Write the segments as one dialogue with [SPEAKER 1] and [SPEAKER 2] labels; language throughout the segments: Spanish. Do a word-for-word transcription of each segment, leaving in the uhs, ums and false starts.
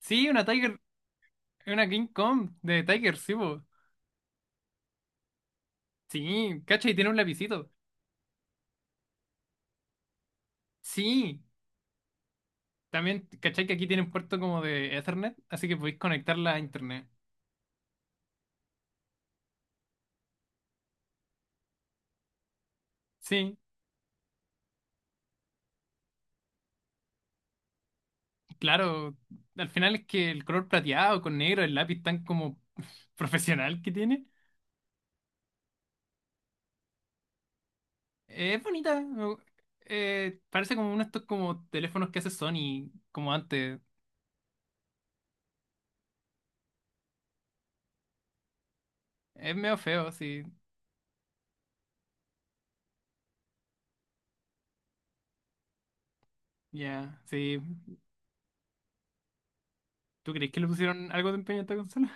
[SPEAKER 1] Sí, una Tiger, una King Kong de Tiger, sí, po. Sí, ¿cachai? Tiene un lapicito. Sí. También, ¿cachai? Que aquí tiene un puerto como de Ethernet, así que podéis conectarla a internet. Sí, claro. Al final es que el color plateado con negro, el lápiz tan como profesional que tiene. Eh, es bonita. Me gu- eh, parece como uno de estos como teléfonos que hace Sony, como antes. Es medio feo, sí. Ya, sí. ¿Tú crees que le pusieron algo de empeño a esta consola?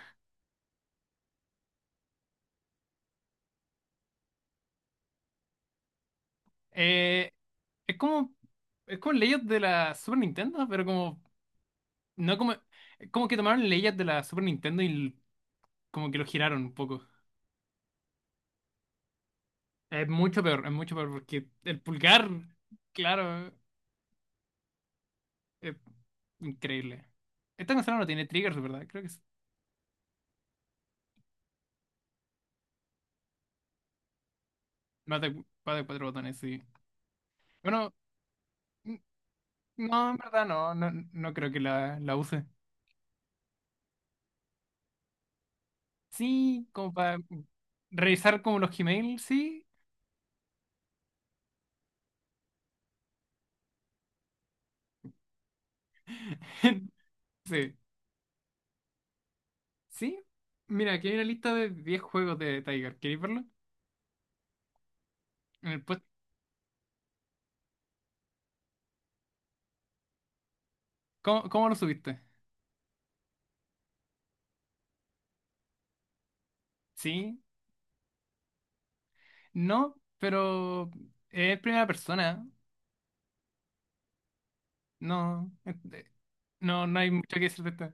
[SPEAKER 1] Eh, es como. Es como leyes de la Super Nintendo, pero como. No como. Es como que tomaron leyes de la Super Nintendo y l- como que lo giraron un poco. Es mucho peor, es mucho peor, porque el pulgar, claro, es increíble. Esta consola no tiene triggers, ¿verdad? Creo que es más de, más de cuatro botones, sí. Bueno, n- no, en verdad no, no, no creo que la, la use. Sí, como para revisar como los Gmail, sí. Sí. Sí, mira, aquí hay una lista de diez juegos de Tiger. ¿Queréis verlo? En el puest- ¿Cómo, cómo lo subiste? Sí, no, pero es primera persona. No, eh, eh, no, no hay mucho que decir de esto.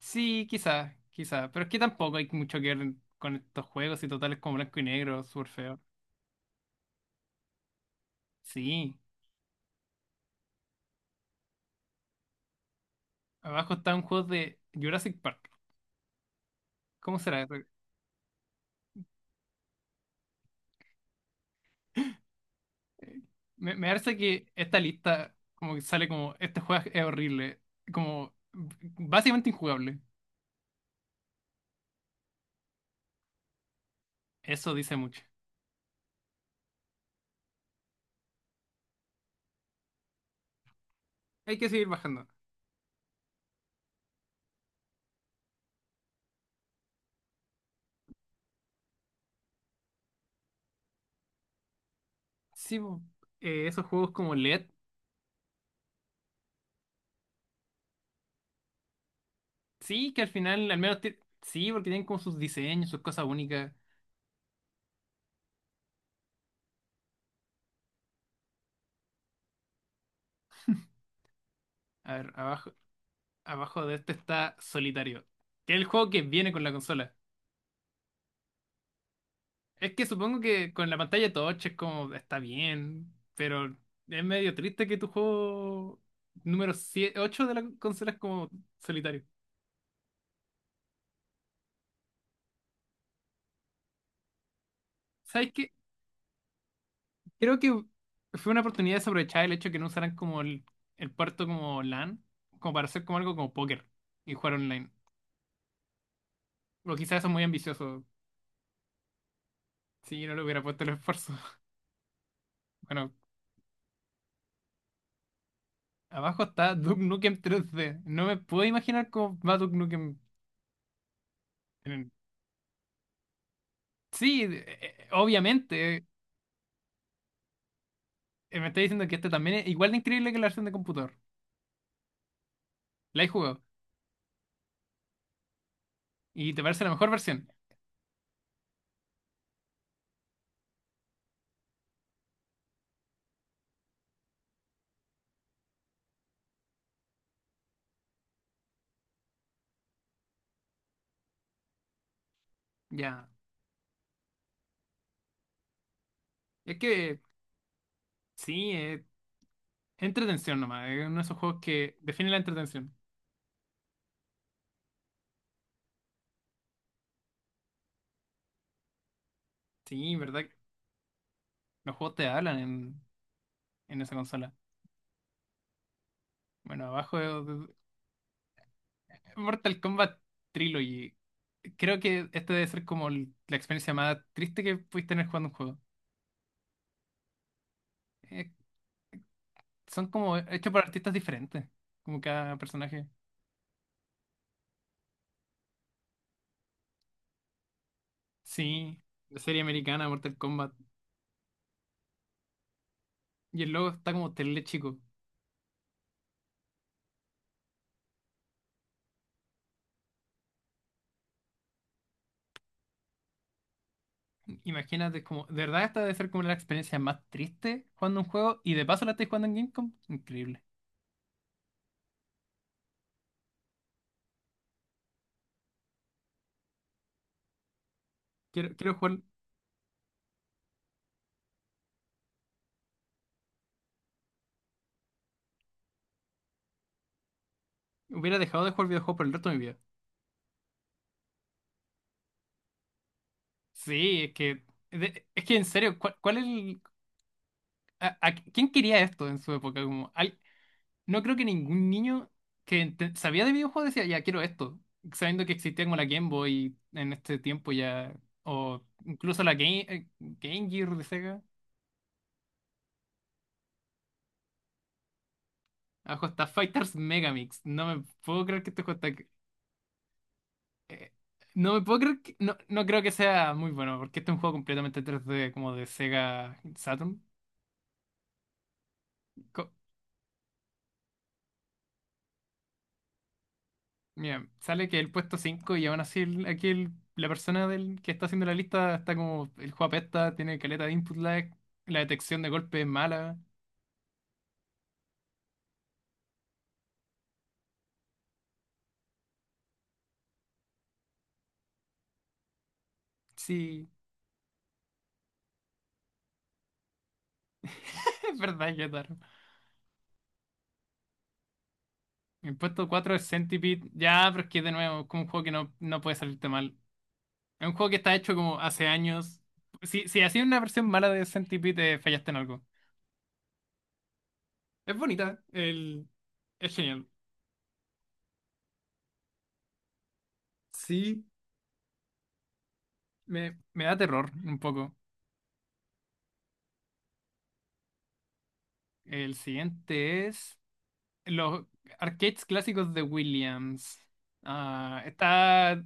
[SPEAKER 1] Sí, quizás, quizás, pero es que tampoco hay mucho que ver con estos juegos y totales como blanco y negro, súper feo. Sí, abajo está un juego de Jurassic Park. ¿Cómo será eso? Me, me parece que esta lista como que sale como, este juego es horrible, como básicamente injugable. Eso dice mucho. Hay que seguir bajando. Sí, po. Eh, esos juegos como L E D, sí, que al final, al menos, ti- sí, porque tienen como sus diseños, sus cosas únicas. A ver, abajo, abajo de este está Solitario, que es el juego que viene con la consola. Es que supongo que con la pantalla touch es como, está bien, pero es medio triste que tu juego número ocho de la consola es como Solitario. ¿Sabes qué? Creo que fue una oportunidad desaprovechada el hecho de que no usaran como el, el puerto como LAN, como para hacer como algo como póker y jugar online. O quizás eso es muy ambicioso, si no le hubiera puesto el esfuerzo. Bueno, abajo está Duke Nukem tres d. No me puedo imaginar cómo va Duke Nukem. En el- Sí, eh, eh, obviamente. Eh, me está diciendo que este también es igual de increíble que la versión de computador. La he jugado. Y te parece la mejor versión. Ya. Es que sí, eh, entretención nomás. Es uno de esos juegos que define la entretención. Sí, verdad que los juegos te hablan en, en esa consola. Bueno, abajo eh, Mortal Kombat Trilogy. Creo que este debe ser como el- la experiencia más triste que pudiste tener jugando un juego. Eh, Son como hechos por artistas diferentes, como cada personaje. Sí, la serie americana Mortal Kombat. Y el logo está como tele chico. Imagínate, como, de verdad esta debe ser como la experiencia más triste jugando un juego y de paso la estoy jugando en Gamecom. Increíble. Quiero, quiero jugar. Hubiera dejado de jugar videojuegos por el resto de mi vida. Sí, es que, de- es que en serio, ¿cuál, cuál es el, a, a- ¿quién quería esto en su época? Como, al- no creo que ningún niño que ente- sabía de videojuegos decía, ya quiero esto, sabiendo que existía como la Game Boy en este tiempo ya, o incluso la Game, eh, Game Gear de Sega. Abajo está Fighters Megamix. No me puedo creer que este juego está. eh, no me puedo creer que. No, no creo que sea muy bueno, porque este es un juego completamente tres D como de Sega Saturn. Mira, sale que el puesto cinco y aún así el- aquí el- la persona del, que está haciendo la lista está como el juego apesta, tiene caleta de input lag, la detección de golpe es mala. Sí, es verdad, Yotaro. El puesto cuatro es Centipede. Ya, pero es que de nuevo, es como un juego que no, no puede salirte mal. Es un juego que está hecho como hace años. Si, si hacías una versión mala de Centipede, eh, fallaste en algo. Es bonita, el, es genial. Sí, me, me da terror un poco. El siguiente es. Los arcades clásicos de Williams. Ah, está R-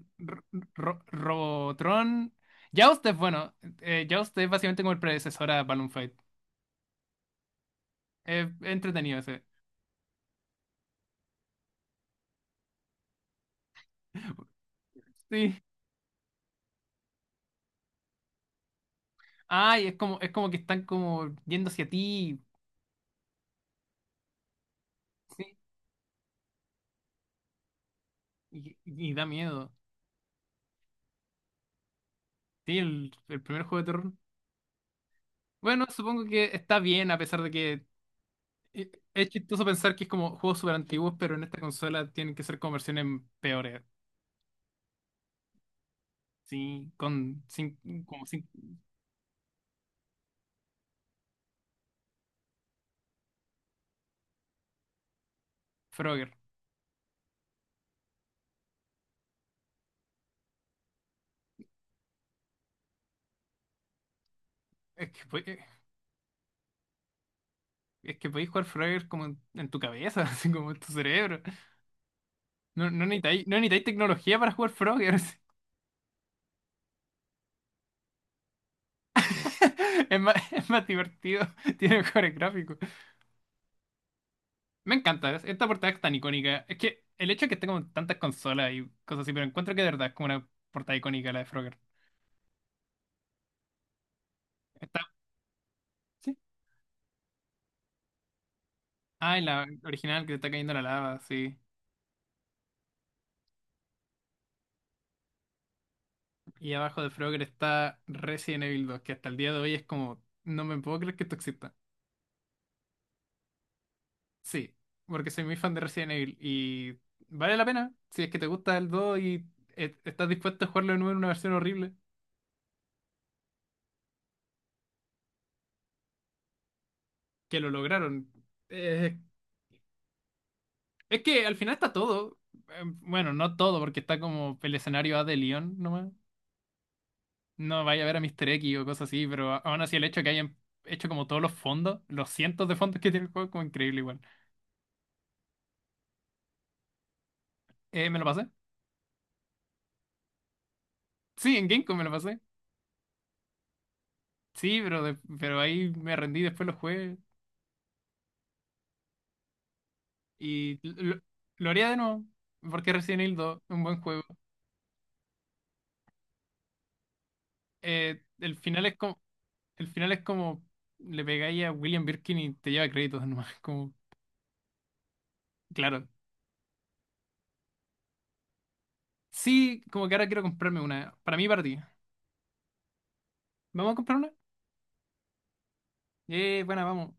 [SPEAKER 1] Ro- Robotron. Joust es bueno. Eh, Joust es básicamente como el predecesor a Balloon Fight. Es entretenido ese. Sí. Ay, es como, es como que están como yendo hacia ti. Sí. Y, y da miedo. Sí, el, el primer juego de terror. Bueno, supongo que está bien, a pesar de que eh, es chistoso pensar que es como juegos súper antiguos, pero en esta consola tienen que ser como versiones peores. Sí, con cin- como cin- Frogger. Es que, po- eh, es que podéis jugar Frogger como en, en tu cabeza, así como en tu cerebro. No, no necesitáis, no necesitáis tecnología para jugar Frogger así. Es más, es más divertido, tiene mejores gráficos. Me encanta, es- esta portada es tan icónica. Es que el hecho de que esté como en tantas consolas y cosas así, pero encuentro que de verdad es como una portada icónica la de Frogger. Está, sí. Ah, en la original que te está cayendo la lava, sí. Y abajo de Frogger está Resident Evil dos que hasta el día de hoy es como, no me puedo creer que esto exista. Sí, porque soy muy fan de Resident Evil y vale la pena si es que te gusta el dos y e- estás dispuesto a jugarlo de nuevo en una versión horrible, que lo lograron. Eh, es que al final está todo. Eh, Bueno, no todo, porque está como el escenario A de Leon nomás. No vaya a ver a míster X o cosas así, pero a- aún así el hecho de que hayan hecho como todos los fondos, los cientos de fondos que tiene el juego, como increíble igual. Eh, ¿me lo pasé? Sí, en Gamecom me lo pasé. Sí, pero, de- pero ahí me rendí, después lo jugué. Y lo, lo haría de nuevo, porque Resident Evil dos es un buen juego. Eh, el final es como, el final es como le pegáis a William Birkin y te lleva créditos nomás, como, claro. Sí, como que ahora quiero comprarme una, para mí y para ti. ¿Vamos a comprar una? Eh, bueno, vamos.